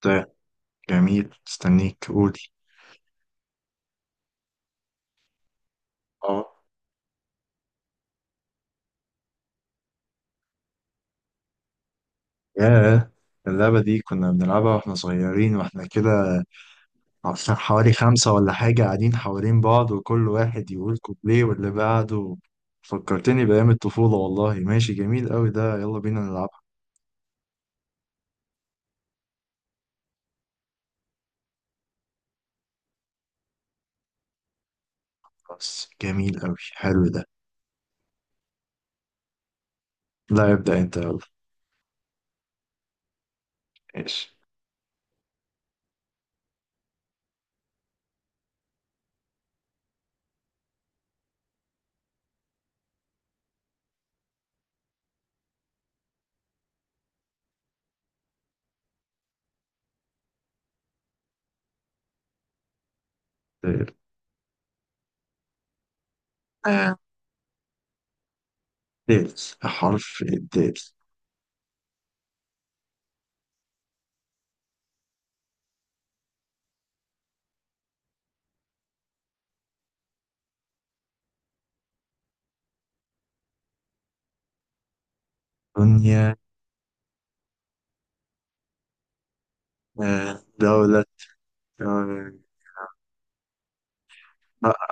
طيب، جميل، استنيك، قولي. اه. ياه. اللعبة دي كنا بنلعبها واحنا صغيرين واحنا كده، عشان حوالي 5 ولا حاجة قاعدين حوالين بعض وكل واحد يقول كوبليه واللي بعده. فكرتني بأيام الطفولة والله، ماشي، جميل قوي ده، يلا بينا نلعبها. خلاص، جميل قوي، حلو ده. لا، ابدأ انت، يلا. ماشي. دال. آه. دال. حرف الدال. دنيا. دولة. آه،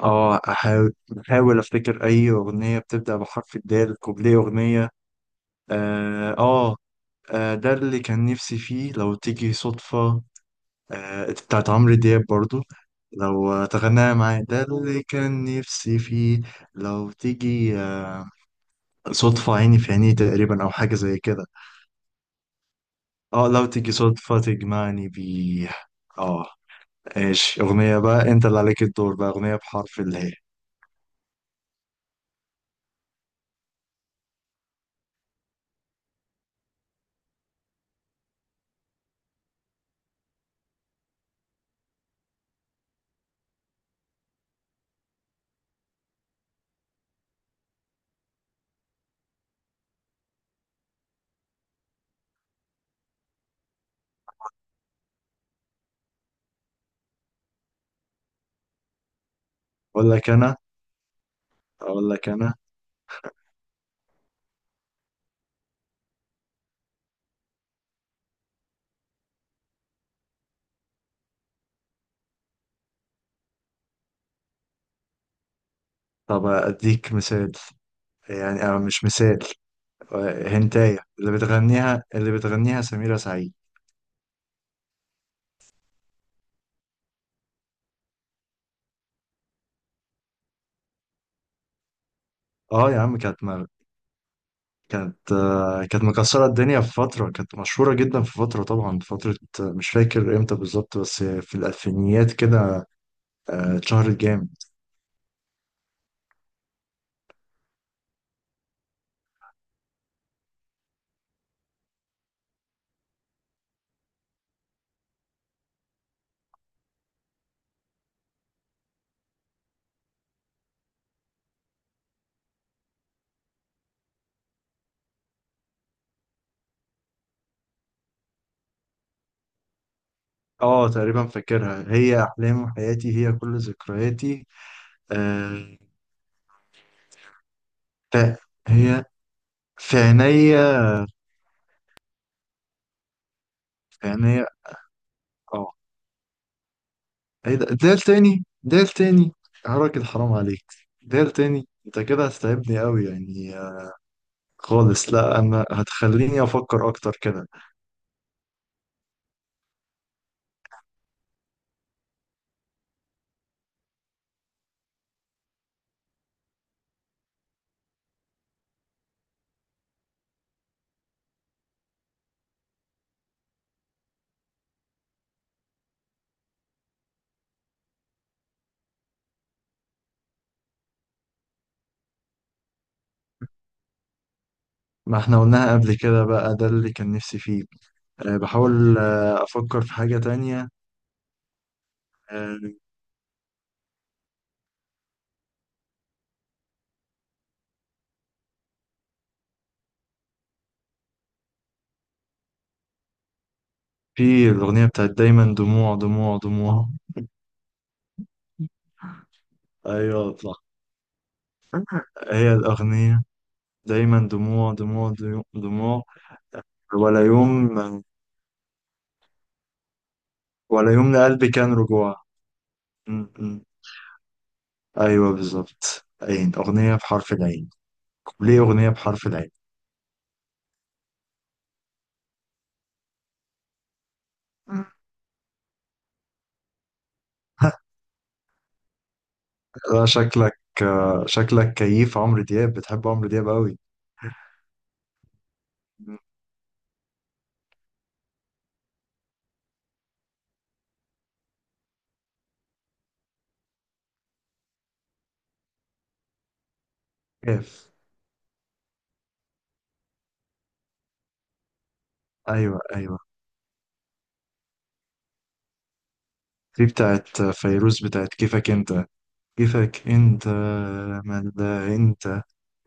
اه احاول. احاول افتكر اي اغنيه بتبدا بحرف الدال، كوبليه اغنيه. اه اه ده اللي كان نفسي فيه لو تيجي صدفه. آه، بتاعت عمرو دياب برضو. لو تغنيها معايا، ده اللي كان نفسي فيه. لو تيجي صدفه، عيني في عيني، تقريبا او حاجه زي كده. اه. لو تيجي صدفه تجمعني بيه. اه. ايش اغنيه بقى، انت اللي عليك الدور بقى، اغنيه بحرف اللي هي. اقول لك انا اقول لك انا. طب أديك مثال، يعني أو مش مثال. هنتاية اللي بتغنيها، اللي بتغنيها سميرة سعيد. اه يا عم، كانت كانت مكسرة الدنيا في فترة، كانت مشهورة جدا في فترة، طبعا في فترة، مش فاكر امتى بالظبط، بس في الألفينيات كده. اتشهرت جامد. اه تقريبا فاكرها. هي أحلام حياتي، هي كل ذكرياتي آه، ف- هي في عينيا، في عينيا. آه، ايه ده، دير تاني دير تاني. يا راجل حرام عليك، دير تاني! انت كده هتتعبني قوي يعني خالص. لا انا هتخليني افكر اكتر كده. ما احنا قلناها قبل كده بقى، ده اللي كان نفسي فيه. أه بحاول افكر في حاجة تانية. أه، في الاغنية بتاعت دايما دموع دموع دموع. ايوه صح، هي الاغنية. دايما دموع دموع دموع دموع، ولا يوم، ولا يوم لقلبي كان رجوع. م- م. ايوه بالظبط، عين. اغنيه بحرف العين. ليه اغنيه بحرف العين؟ مم. لا شكلك شكلك كيف عمرو دياب، بتحب عمرو دياب قوي. مم. كيف. ايوه ايوه، دي بتاعت فيروز، بتاعت كيفك انت. كيفك انت من ده انت.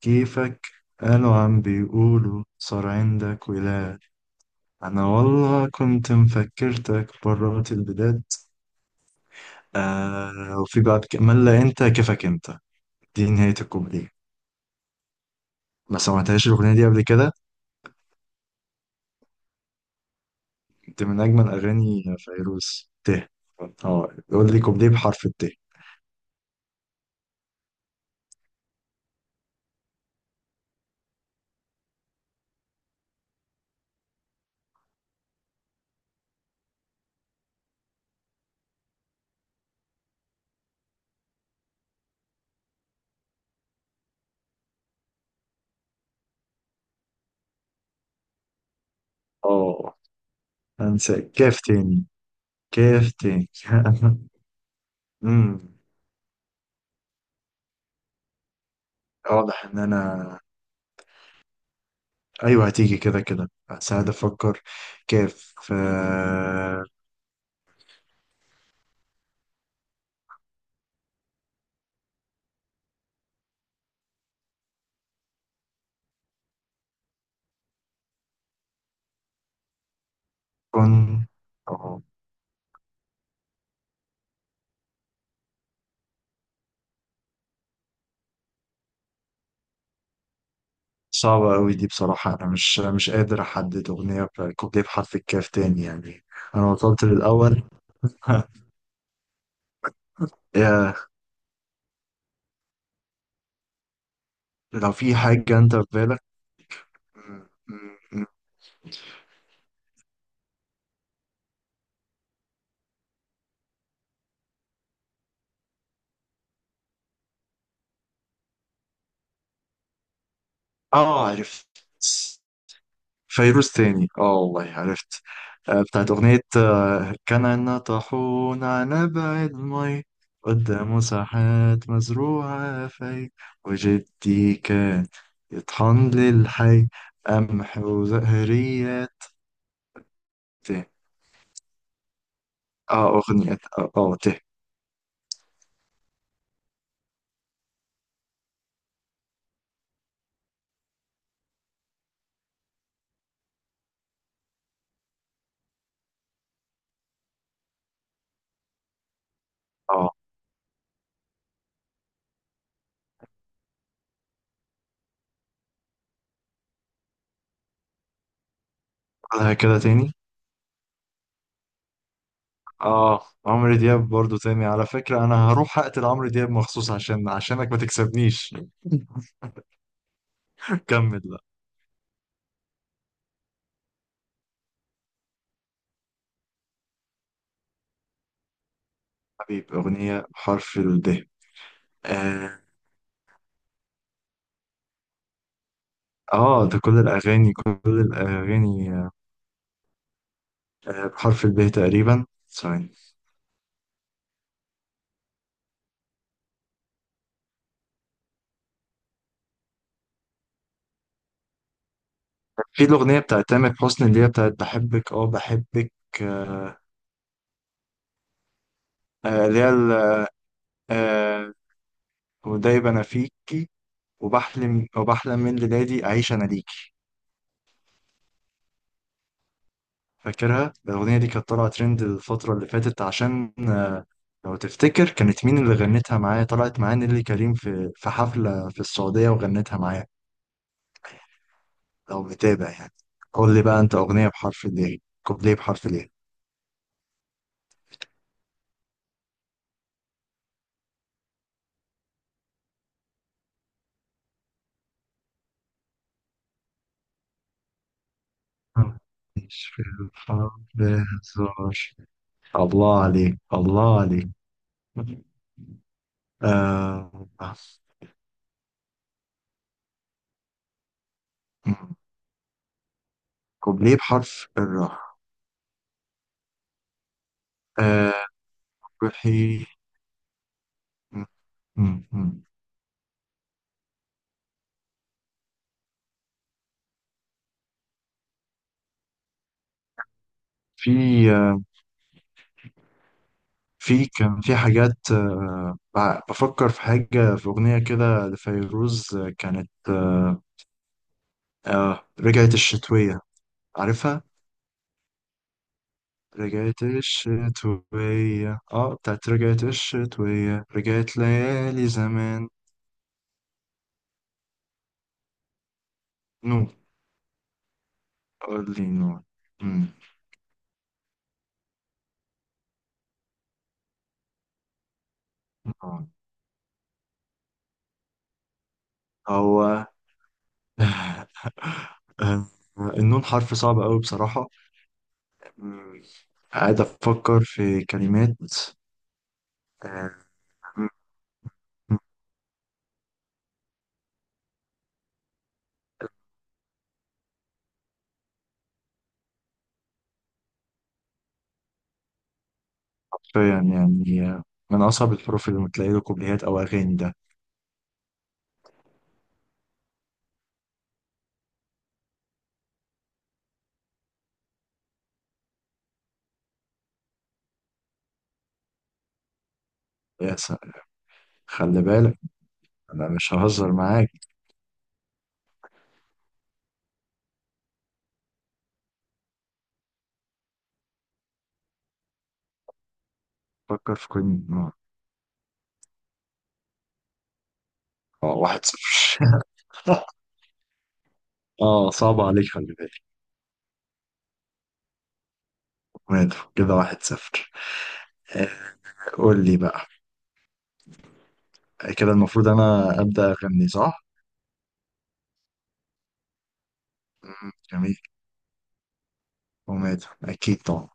كيفك، قالوا عم بيقولوا صار عندك ولاد، انا والله كنت مفكرتك برات البلاد. آه، وفي بعد كمان، لا انت كيفك انت. دي نهاية الكوبليه. ما سمعتهاش الأغنية دي قبل كده، كنت من أجمل أغاني فيروز. ته. اه يقول لي كوبليه بحرف الت. اه أنسى، كاف تاني. كاف تاني. امم واضح إن أنا. أيوه هتيجي كده كده، بس قاعد أفكر. كاف كن. اه صعبة أوي دي بصراحة، أنا مش قادر أحدد أغنية كوبليه بحرف الكاف تاني يعني. أنا وصلت للأول. يا، لو في حاجة أنت في بالك. اه عرفت، فيروز تاني. اه والله عرفت. بتاعت أغنية كان عنا طاحون على بعيد المي، قدامه ساحات مزروعة في، وجدي كان يطحن للحي قمح وزهريات. ته. اه أغنية اه ته. اه قولها كده تاني. اه، عمرو دياب برضو تاني. على فكرة أنا هروح أقتل عمرو دياب مخصوص عشانك ما تكسبنيش. كمل. حبيب. أغنية بحرف الب. آه, ده كل الأغاني، كل الأغاني بحرف الب تقريبا. ثواني. في الأغنية بتاعت تامر حسني اللي هي بتاعت بحبك. آه اللي هي آه ودايب أنا فيكي، وبحلم وبحلم من ليلادي أعيش أنا ليكي. فاكرها الأغنية دي، كانت طالعة ترند الفترة اللي فاتت عشان لو تفتكر، كانت مين اللي غنتها معايا؟ طلعت معايا نيللي كريم في حفلة في السعودية وغنتها معايا، لو متابع يعني. قول لي بقى انت اغنيه بحرف الايه. كوبليه بحرف الايه. مش في الحرب هزار. الله عليك الله عليك. آه. كوبليه بحرف الراء. آه. روحي. مم. مم. في آه، في كان في حاجات بفكر في حاجة في أغنية كده لفيروز، كانت رجعت الشتوية، عارفها؟ رجعت الشتوية، اه بتاعت رجعت الشتوية، رجعت ليالي زمان. نو، قول لي نو. مم. نو. هو. النون حرف صعب قوي بصراحة. مم. قاعد أفكر في كلمات آه، مم. حرفيا يعني من أصعب الحروف اللي بتلاقي له كوبليهات أو أغاني ده. يا سلام، خلي بالك، أنا مش ههزر معاك. فكر في كل 1-0. اه صعب عليك، خلي بالك. مات كده، 1-0. آه، قول لي بقى، كده المفروض انا ابدا اغني صح. جميل. ومات اكيد طبعا.